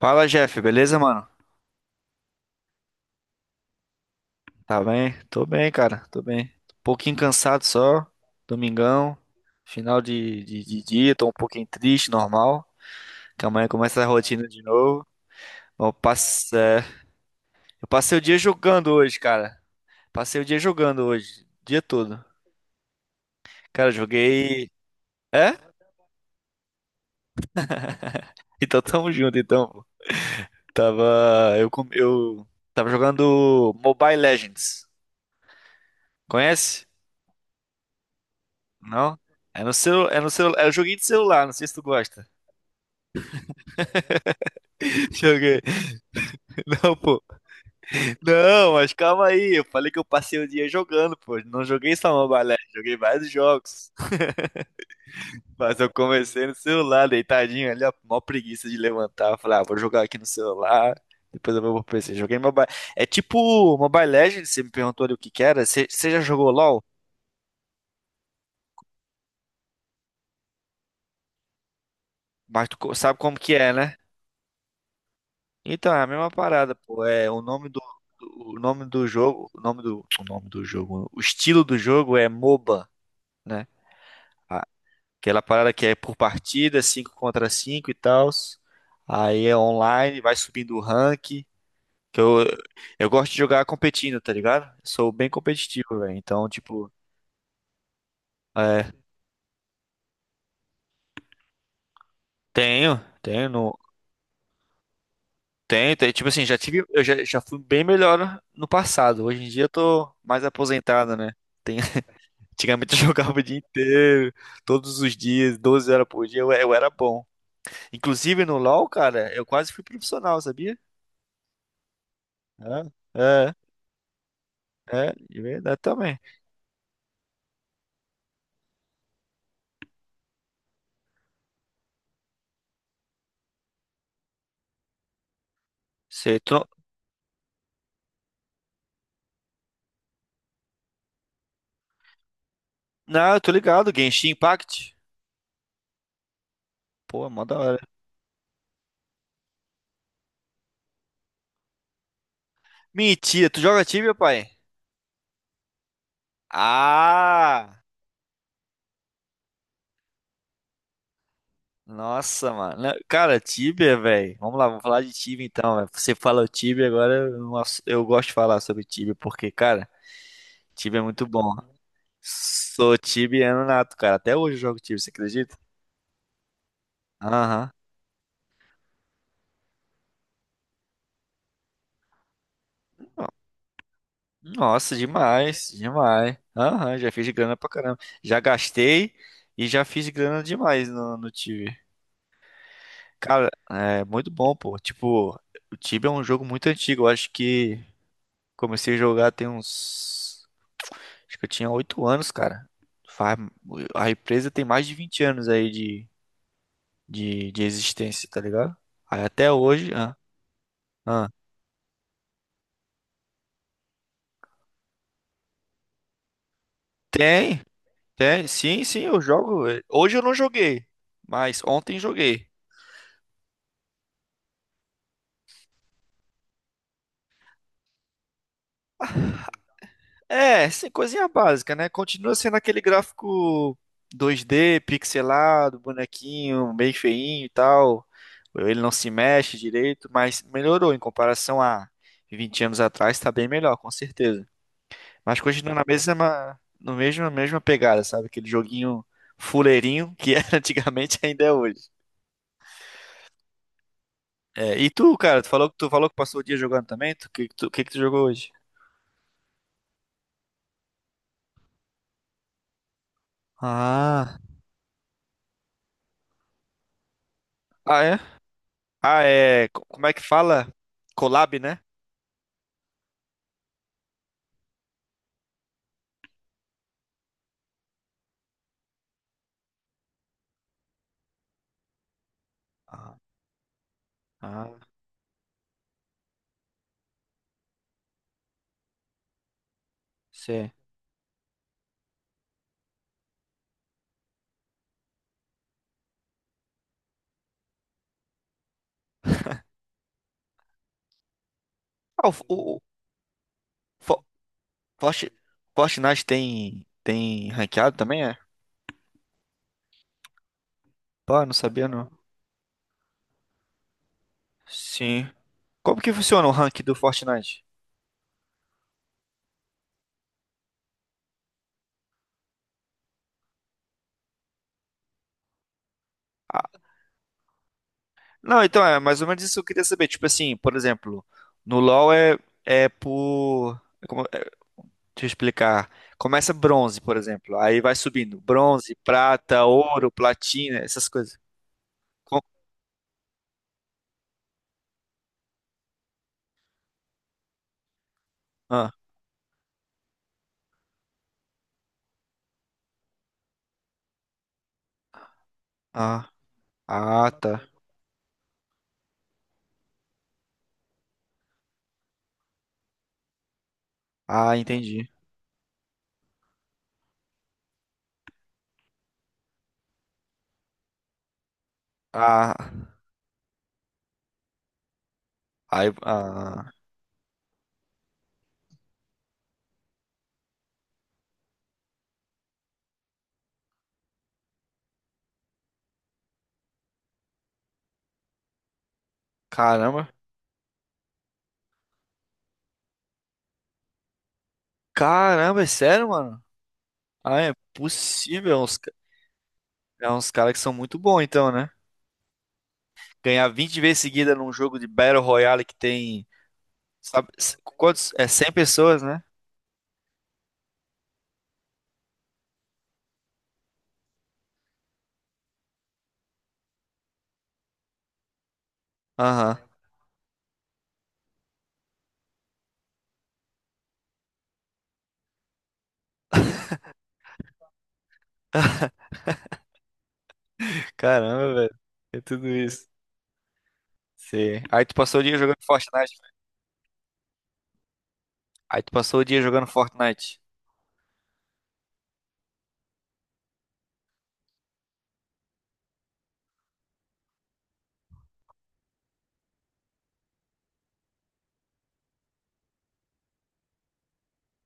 Fala, Jeff, beleza, mano? Tá bem? Tô bem, cara, tô bem. Um pouquinho cansado só, domingão, final de dia, tô um pouquinho triste, normal, que amanhã começa a rotina de novo. Bom, eu passei o dia jogando hoje, cara. Passei o dia jogando hoje, o dia todo. Cara, joguei. É? Então tamo junto, então, pô. Tava. Eu tava jogando Mobile Legends. Conhece? Não? É no seu, é no seu, É um joguinho de celular, não sei se tu gosta. Joguei. Não, pô. Não, mas calma aí. Eu falei que eu passei o dia jogando, pô. Não joguei só Mobile Legends, joguei vários jogos. Mas eu comecei no celular, deitadinho ali, ó. Mó preguiça de levantar. Falei, ah, vou jogar aqui no celular. Depois eu vou pro PC. Joguei Mobile. É tipo Mobile Legends, você me perguntou ali o que que era. Você já jogou LOL? Mas sabe como que é, né? Então, é a mesma parada, pô. O nome do jogo, o estilo do jogo é MOBA, né? Aquela parada que é por partida, 5 contra 5 e tal. Aí é online, vai subindo o rank. Que eu gosto de jogar competindo, tá ligado? Sou bem competitivo, velho. Então, tipo, é, tenho, tenho, no, tenho, tenho. Tipo assim, eu já fui bem melhor no passado. Hoje em dia eu tô mais aposentado, né? Tem- Antigamente eu jogava o dia inteiro, todos os dias, 12 horas por dia, eu era bom. Inclusive no LoL, cara, eu quase fui profissional, sabia? É, é. É, de verdade também. Sei, tu não... Não, eu tô ligado, Genshin Impact. Pô, mó da hora. Mentira, tu joga Tibia, pai? Ah! Nossa, mano. Não, cara, Tibia, velho. Vamos lá, vamos falar de Tibia então, velho. Você fala o Tibia, agora eu gosto de falar sobre Tibia, porque, cara, Tibia é muito bom. Sou tibiano nato, cara. Até hoje eu jogo Tibia, você acredita? Aham. Nossa, demais, demais. Aham, já fiz grana pra caramba. Já gastei e já fiz grana demais no Tibia. Cara, é muito bom, pô. Tipo, o Tibia é um jogo muito antigo. Eu acho que comecei a jogar tem uns. Acho que eu tinha 8 anos, cara. Faz- A empresa tem mais de 20 anos aí de existência, tá ligado? Aí até hoje. Ah, ah. Tem, tem. Sim, sim, eu jogo. Hoje eu não joguei, mas ontem joguei. É, sim, coisinha básica, né? Continua sendo aquele gráfico 2D, pixelado, bonequinho, bem feinho e tal. Ele não se mexe direito, mas melhorou em comparação a 20 anos atrás, tá bem melhor, com certeza. Mas continua na mesma, no mesmo, na mesma pegada, sabe? Aquele joguinho fuleirinho que era antigamente ainda é hoje. É, e tu, cara, tu falou que passou o dia jogando também? Que que tu jogou hoje? Ah. Ah, é? Ah, é. Como é que fala? Collab, né? Ah, ah, sei. Ah, o, o, o Fo- Forti- Fortnite tem ranqueado também, é? Pô, não sabia não. Sim. Como que funciona o rank do Fortnite? Ah, não, então é mais ou menos isso que eu queria saber. Tipo assim, por exemplo, no LoL é por. é Como, é, deixa eu explicar. Começa bronze, por exemplo. Aí vai subindo. Bronze, prata, ouro, platina, essas coisas. Com- ah, ah, tá. Ah, entendi. Ah, aí, ah. Caramba. Caramba, é sério, mano? Ah, é possível. É uns caras que são muito bons, então, né? Ganhar 20 vezes seguida num jogo de Battle Royale que tem, sabe, quantos? É 100 pessoas, né? Aham. Caramba, velho. É tudo isso. Sim. Aí tu passou o dia jogando Fortnite, né? Aí tu passou o dia jogando Fortnite.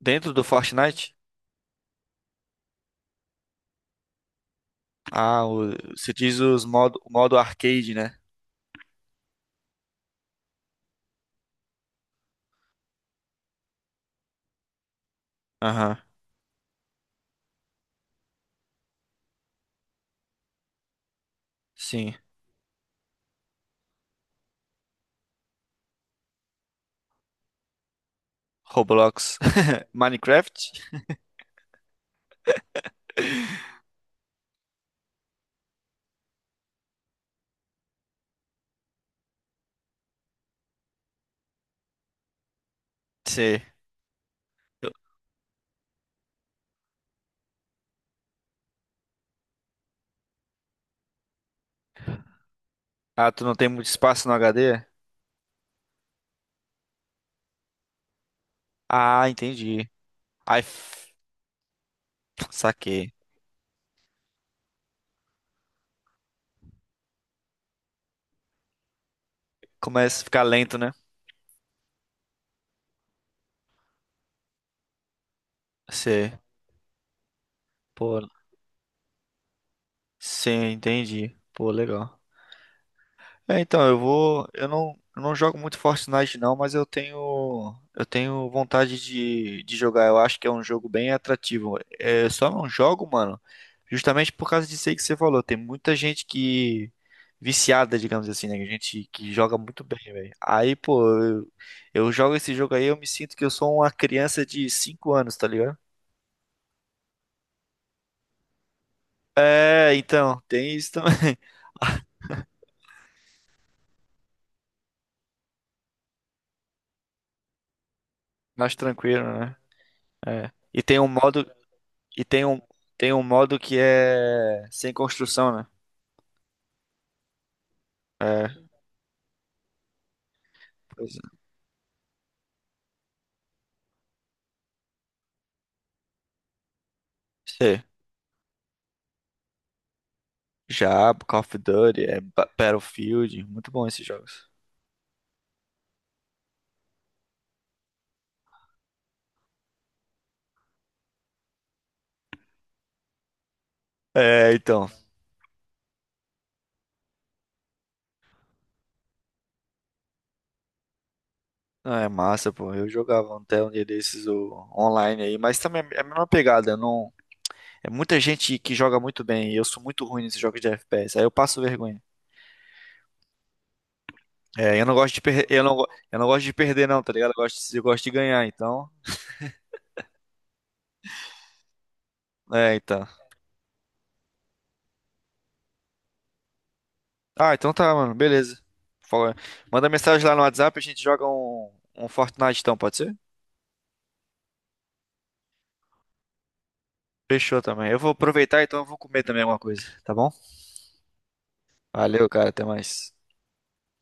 Dentro do Fortnite? Ah, você diz o modo arcade, né? Aham. Sim. Roblox. Minecraft? Sim. Ah, tu não tem muito espaço no HD? Ah, entendi. Aí, saquei. Começa a ficar lento, né? Você, pô, sim, entendi. Pô, legal. É, então, eu vou. Eu não jogo muito Fortnite, não, mas eu tenho. Eu tenho vontade de jogar. Eu acho que é um jogo bem atrativo. É, eu só não jogo, mano, justamente por causa disso aí que você falou. Tem muita gente que. Viciada, digamos assim, né? Gente que joga muito bem, velho. Aí, pô, eu jogo esse jogo aí, eu me sinto que eu sou uma criança de 5 anos, tá ligado? É, então, tem isso também. Mais tranquilo, né? É. E tem um modo que é sem construção, né? É, pois é. Sei. Já, Call of Duty, é Battlefield, muito bom esses jogos. É, então, não, é massa, pô. Eu jogava até um dia desses online aí, mas também é a mesma pegada, não. É muita gente que joga muito bem, e eu sou muito ruim nesses jogos de FPS, aí eu passo vergonha. É, eu não gosto de perder, eu não gosto de perder não, tá ligado? Eu gosto de ganhar, então. É, então. Ah, então tá, mano. Beleza. Fala- Manda mensagem lá no WhatsApp, a gente joga um Fortnite então, pode ser? Fechou também. Eu vou aproveitar, então eu vou comer também alguma coisa, tá bom? Valeu, cara. Até mais.